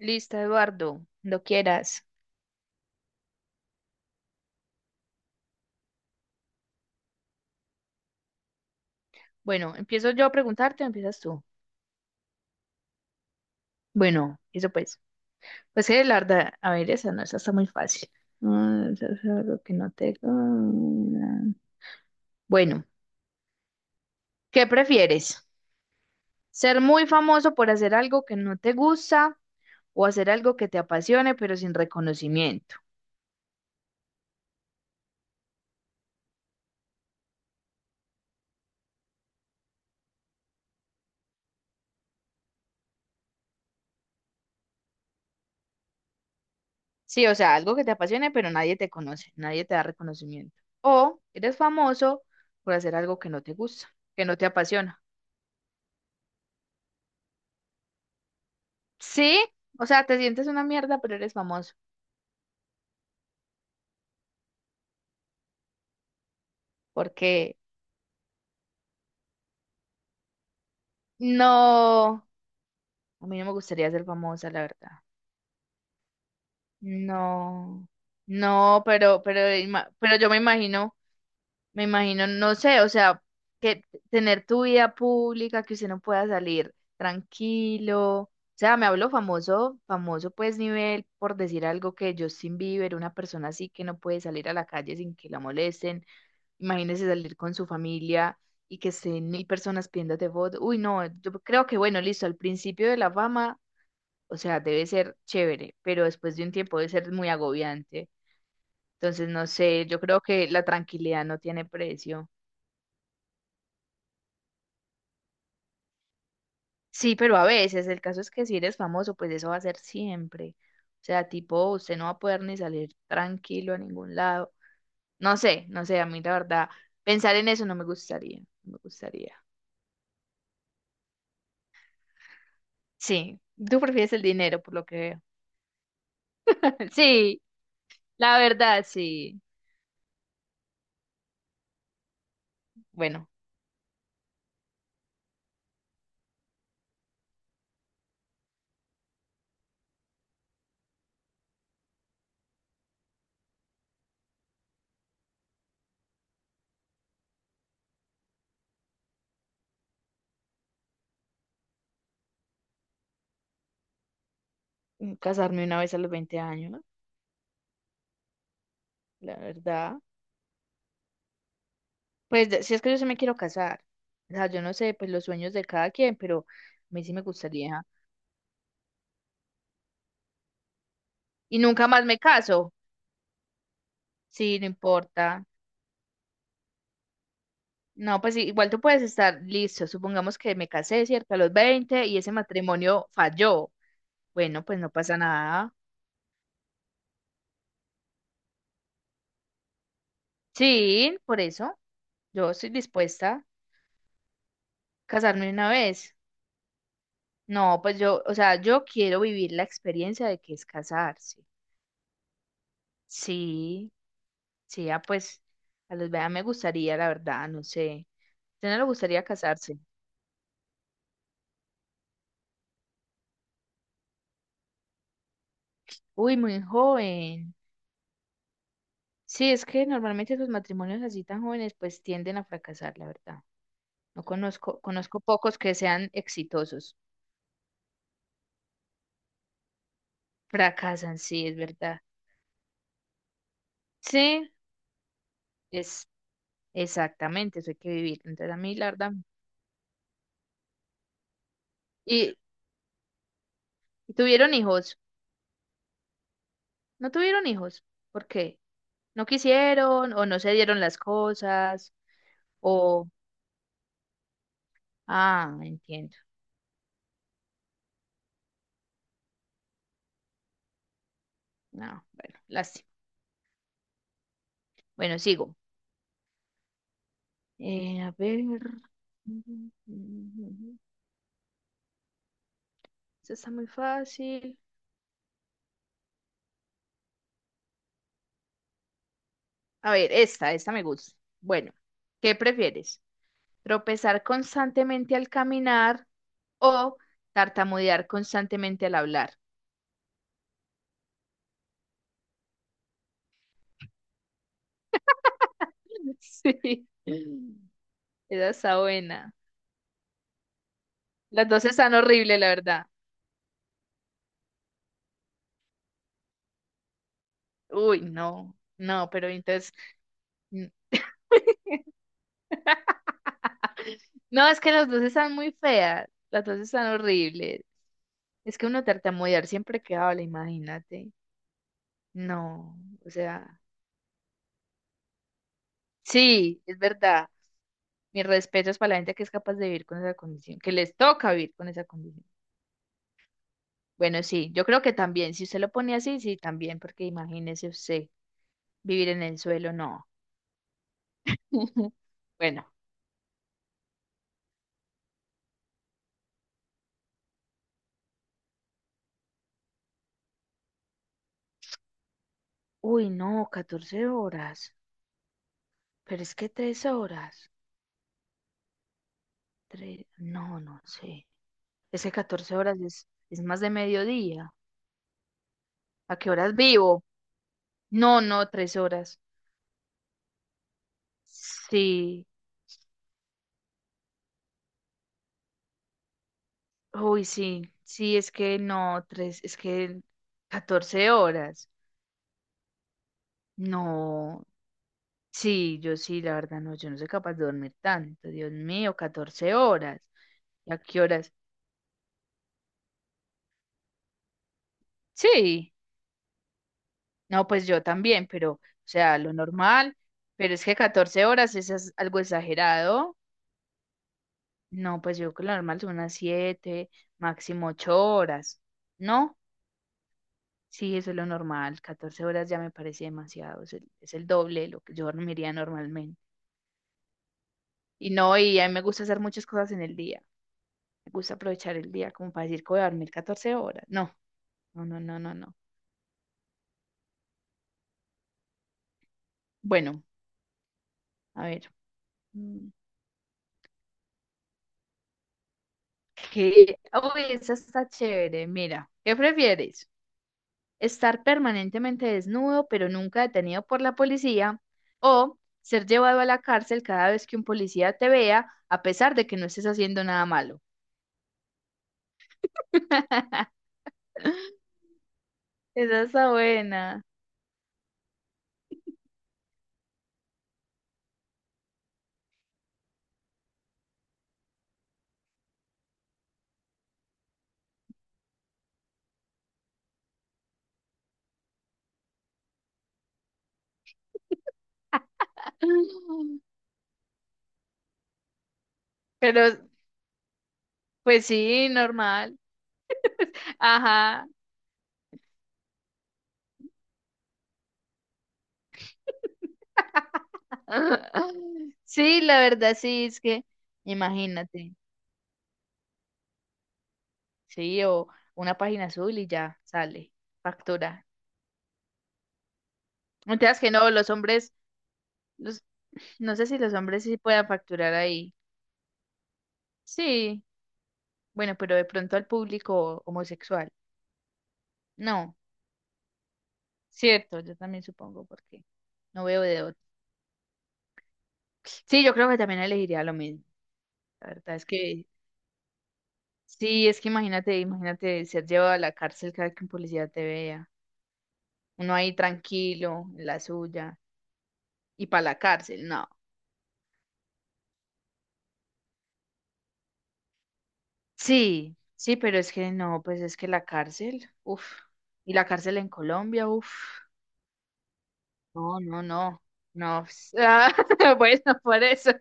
Listo, Eduardo, lo quieras. Bueno, ¿empiezo yo a preguntarte o empiezas tú? Bueno, eso pues. Pues que la verdad, a ver, esa no, esa está muy fácil. Ah, eso es algo que no te... Bueno, ¿qué prefieres? ¿Ser muy famoso por hacer algo que no te gusta o hacer algo que te apasione pero sin reconocimiento? Sí, o sea, algo que te apasione pero nadie te conoce, nadie te da reconocimiento. O eres famoso por hacer algo que no te gusta, que no te apasiona. Sí, o sea, te sientes una mierda, pero eres famoso. Porque no, a mí no me gustaría ser famosa, la verdad. No, no, pero yo me imagino, no sé, o sea, que tener tu vida pública, que usted no pueda salir tranquilo. O sea, me hablo famoso, famoso pues nivel, por decir algo que Justin Bieber, una persona así que no puede salir a la calle sin que la molesten. Imagínese salir con su familia y que estén mil personas pidiéndote fotos. Uy, no, yo creo que bueno, listo, al principio de la fama, o sea, debe ser chévere, pero después de un tiempo debe ser muy agobiante. Entonces, no sé, yo creo que la tranquilidad no tiene precio. Sí, pero a veces, el caso es que si eres famoso, pues eso va a ser siempre. O sea, tipo, usted no va a poder ni salir tranquilo a ningún lado. No sé, no sé, a mí la verdad, pensar en eso no me gustaría, no me gustaría. Sí, tú prefieres el dinero, por lo que veo. Sí, la verdad, sí. Bueno, casarme una vez a los 20 años, la verdad. Pues si es que yo sí me quiero casar. O sea, yo no sé, pues los sueños de cada quien, pero a mí sí me gustaría. Y nunca más me caso. Sí, no importa. No, pues sí, igual tú puedes estar listo. Supongamos que me casé, ¿cierto? A los 20 y ese matrimonio falló. Bueno, pues no pasa nada. Sí, por eso yo estoy dispuesta a casarme una vez. No, pues yo, o sea, yo quiero vivir la experiencia de que es casarse. Sí, sí, ah, pues a los vea me gustaría, la verdad, no sé. ¿Usted no le gustaría casarse? Uy, muy joven. Sí, es que normalmente los matrimonios así tan jóvenes pues tienden a fracasar, la verdad. No conozco, conozco pocos que sean exitosos. Fracasan, sí, es verdad. Sí, es exactamente, eso hay que vivir. Entonces a mí, la verdad. ¿Y, y tuvieron hijos? ¿No tuvieron hijos? ¿Por qué? No quisieron o no se dieron las cosas o... Ah, entiendo. No, bueno, lástima. Bueno, sigo. A ver. Esta está muy fácil. A ver, esta me gusta. Bueno, ¿qué prefieres? ¿Tropezar constantemente al caminar o tartamudear constantemente al hablar? Sí, esa está buena. Las dos están horribles, la verdad. Uy, no, no, pero entonces, mm, no, es que las dos están muy feas, las dos están horribles. Es que uno tartamudear siempre que habla, imagínate. No, o sea, sí, es verdad. Mis respetos para la gente que es capaz de vivir con esa condición, que les toca vivir con esa condición. Bueno, sí, yo creo que también, si usted lo pone así, sí, también, porque imagínese usted vivir en el suelo, no. Bueno, uy, no, 14 horas, pero es que 3 horas, tres, no, no sé. Es que 14 horas es más de mediodía. ¿A qué horas vivo? No, no, tres horas. Sí, uy, sí, sí, es que no, tres, es que 14 horas. No, sí, yo sí, la verdad, no, yo no soy capaz de dormir tanto, Dios mío, 14 horas. ¿Y a qué horas? Sí, no, pues yo también, pero, o sea, lo normal, pero es que 14 horas eso es algo exagerado. No, pues yo creo que lo normal son unas 7, máximo 8 horas, ¿no? Sí, eso es lo normal. 14 horas ya me parece demasiado. Es el doble de lo que yo dormiría normalmente. Y no, y a mí me gusta hacer muchas cosas en el día. Me gusta aprovechar el día como para decir que voy a dormir 14 horas. No, no, no, no, no, no. Bueno, a ver. mm, ¿Qué? Uy, esa está chévere. Mira, ¿qué prefieres? ¿Estar permanentemente desnudo pero nunca detenido por la policía? ¿O ser llevado a la cárcel cada vez que un policía te vea a pesar de que no estés haciendo nada malo? Esa está buena. Pero, pues sí, normal. Ajá. Sí, la verdad sí, es que, imagínate, sí, o una página azul y ya sale, factura. Mientras que no, los hombres, los, no sé si los hombres sí puedan facturar ahí. Sí, bueno, pero de pronto al público homosexual. No, cierto, yo también supongo, porque no veo de otro. Sí, yo creo que también elegiría lo mismo. La verdad es que sí, es que imagínate, imagínate ser llevado a la cárcel cada que un policía te vea. Uno ahí tranquilo, en la suya, y para la cárcel, no. Sí, sí, pero es que no, pues es que la cárcel, uff, y la cárcel en Colombia, uff, no, no, no, no, ah, bueno, por eso,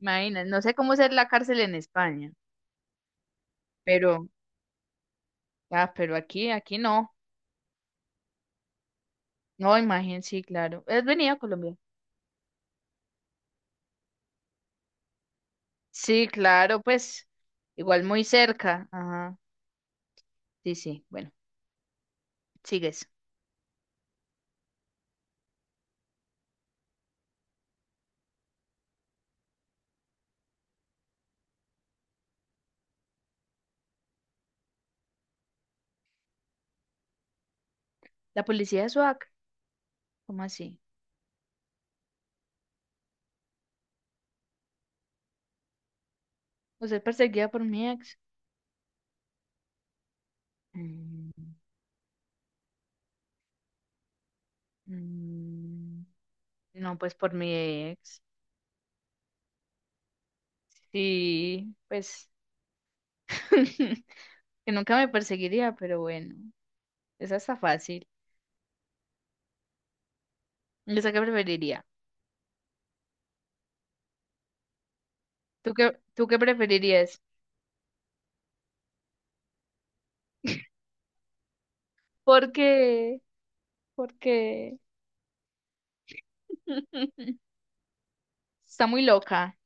imagínate, no sé cómo ser la cárcel en España, pero, ah, pero aquí, aquí no, no, imagínate, sí, claro, ¿has venido a Colombia? Sí, claro, pues, igual muy cerca, ajá. Sí, sí, bueno, sigues. La policía de SWAC, ¿cómo así? ¿Usted es perseguida por mi ex? Mm, mm, no, pues por mi ex. Sí, pues que nunca me perseguiría, pero bueno, esa está fácil. ¿Esa qué preferiría? ¿Tú qué preferirías? ¿Por qué? ¿Por qué? Está muy loca.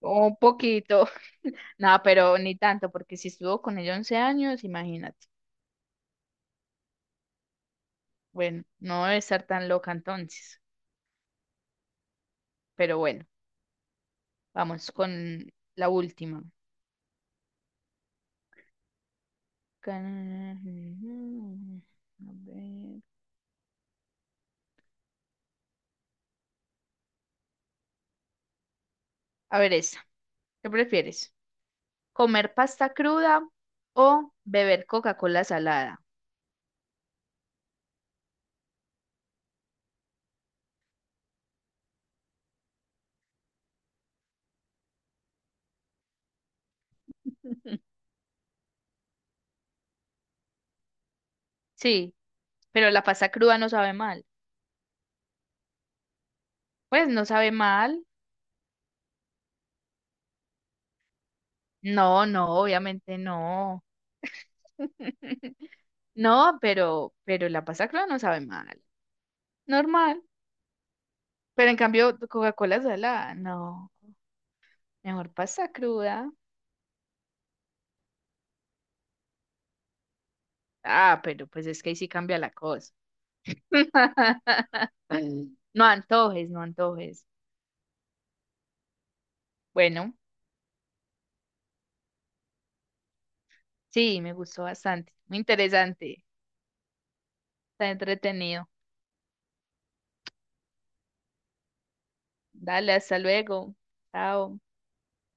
Un poquito. Nada pero ni tanto, porque si estuvo con ella 11 años, imagínate. Bueno, no debe estar tan loca entonces, pero bueno, vamos con la última. Can- A ver, a ver esta. ¿Qué prefieres? ¿Comer pasta cruda o beber Coca-Cola salada? Sí, pero la pasta cruda no sabe mal. Pues no sabe mal. No, no, obviamente no. No, pero la pasta cruda no sabe mal. Normal. Pero en cambio, Coca-Cola salada, no. Mejor pasta cruda. Ah, pero pues es que ahí sí cambia la cosa. No antojes, no antojes. Bueno, sí, me gustó bastante. Muy interesante. Está entretenido. Dale, hasta luego. Chao.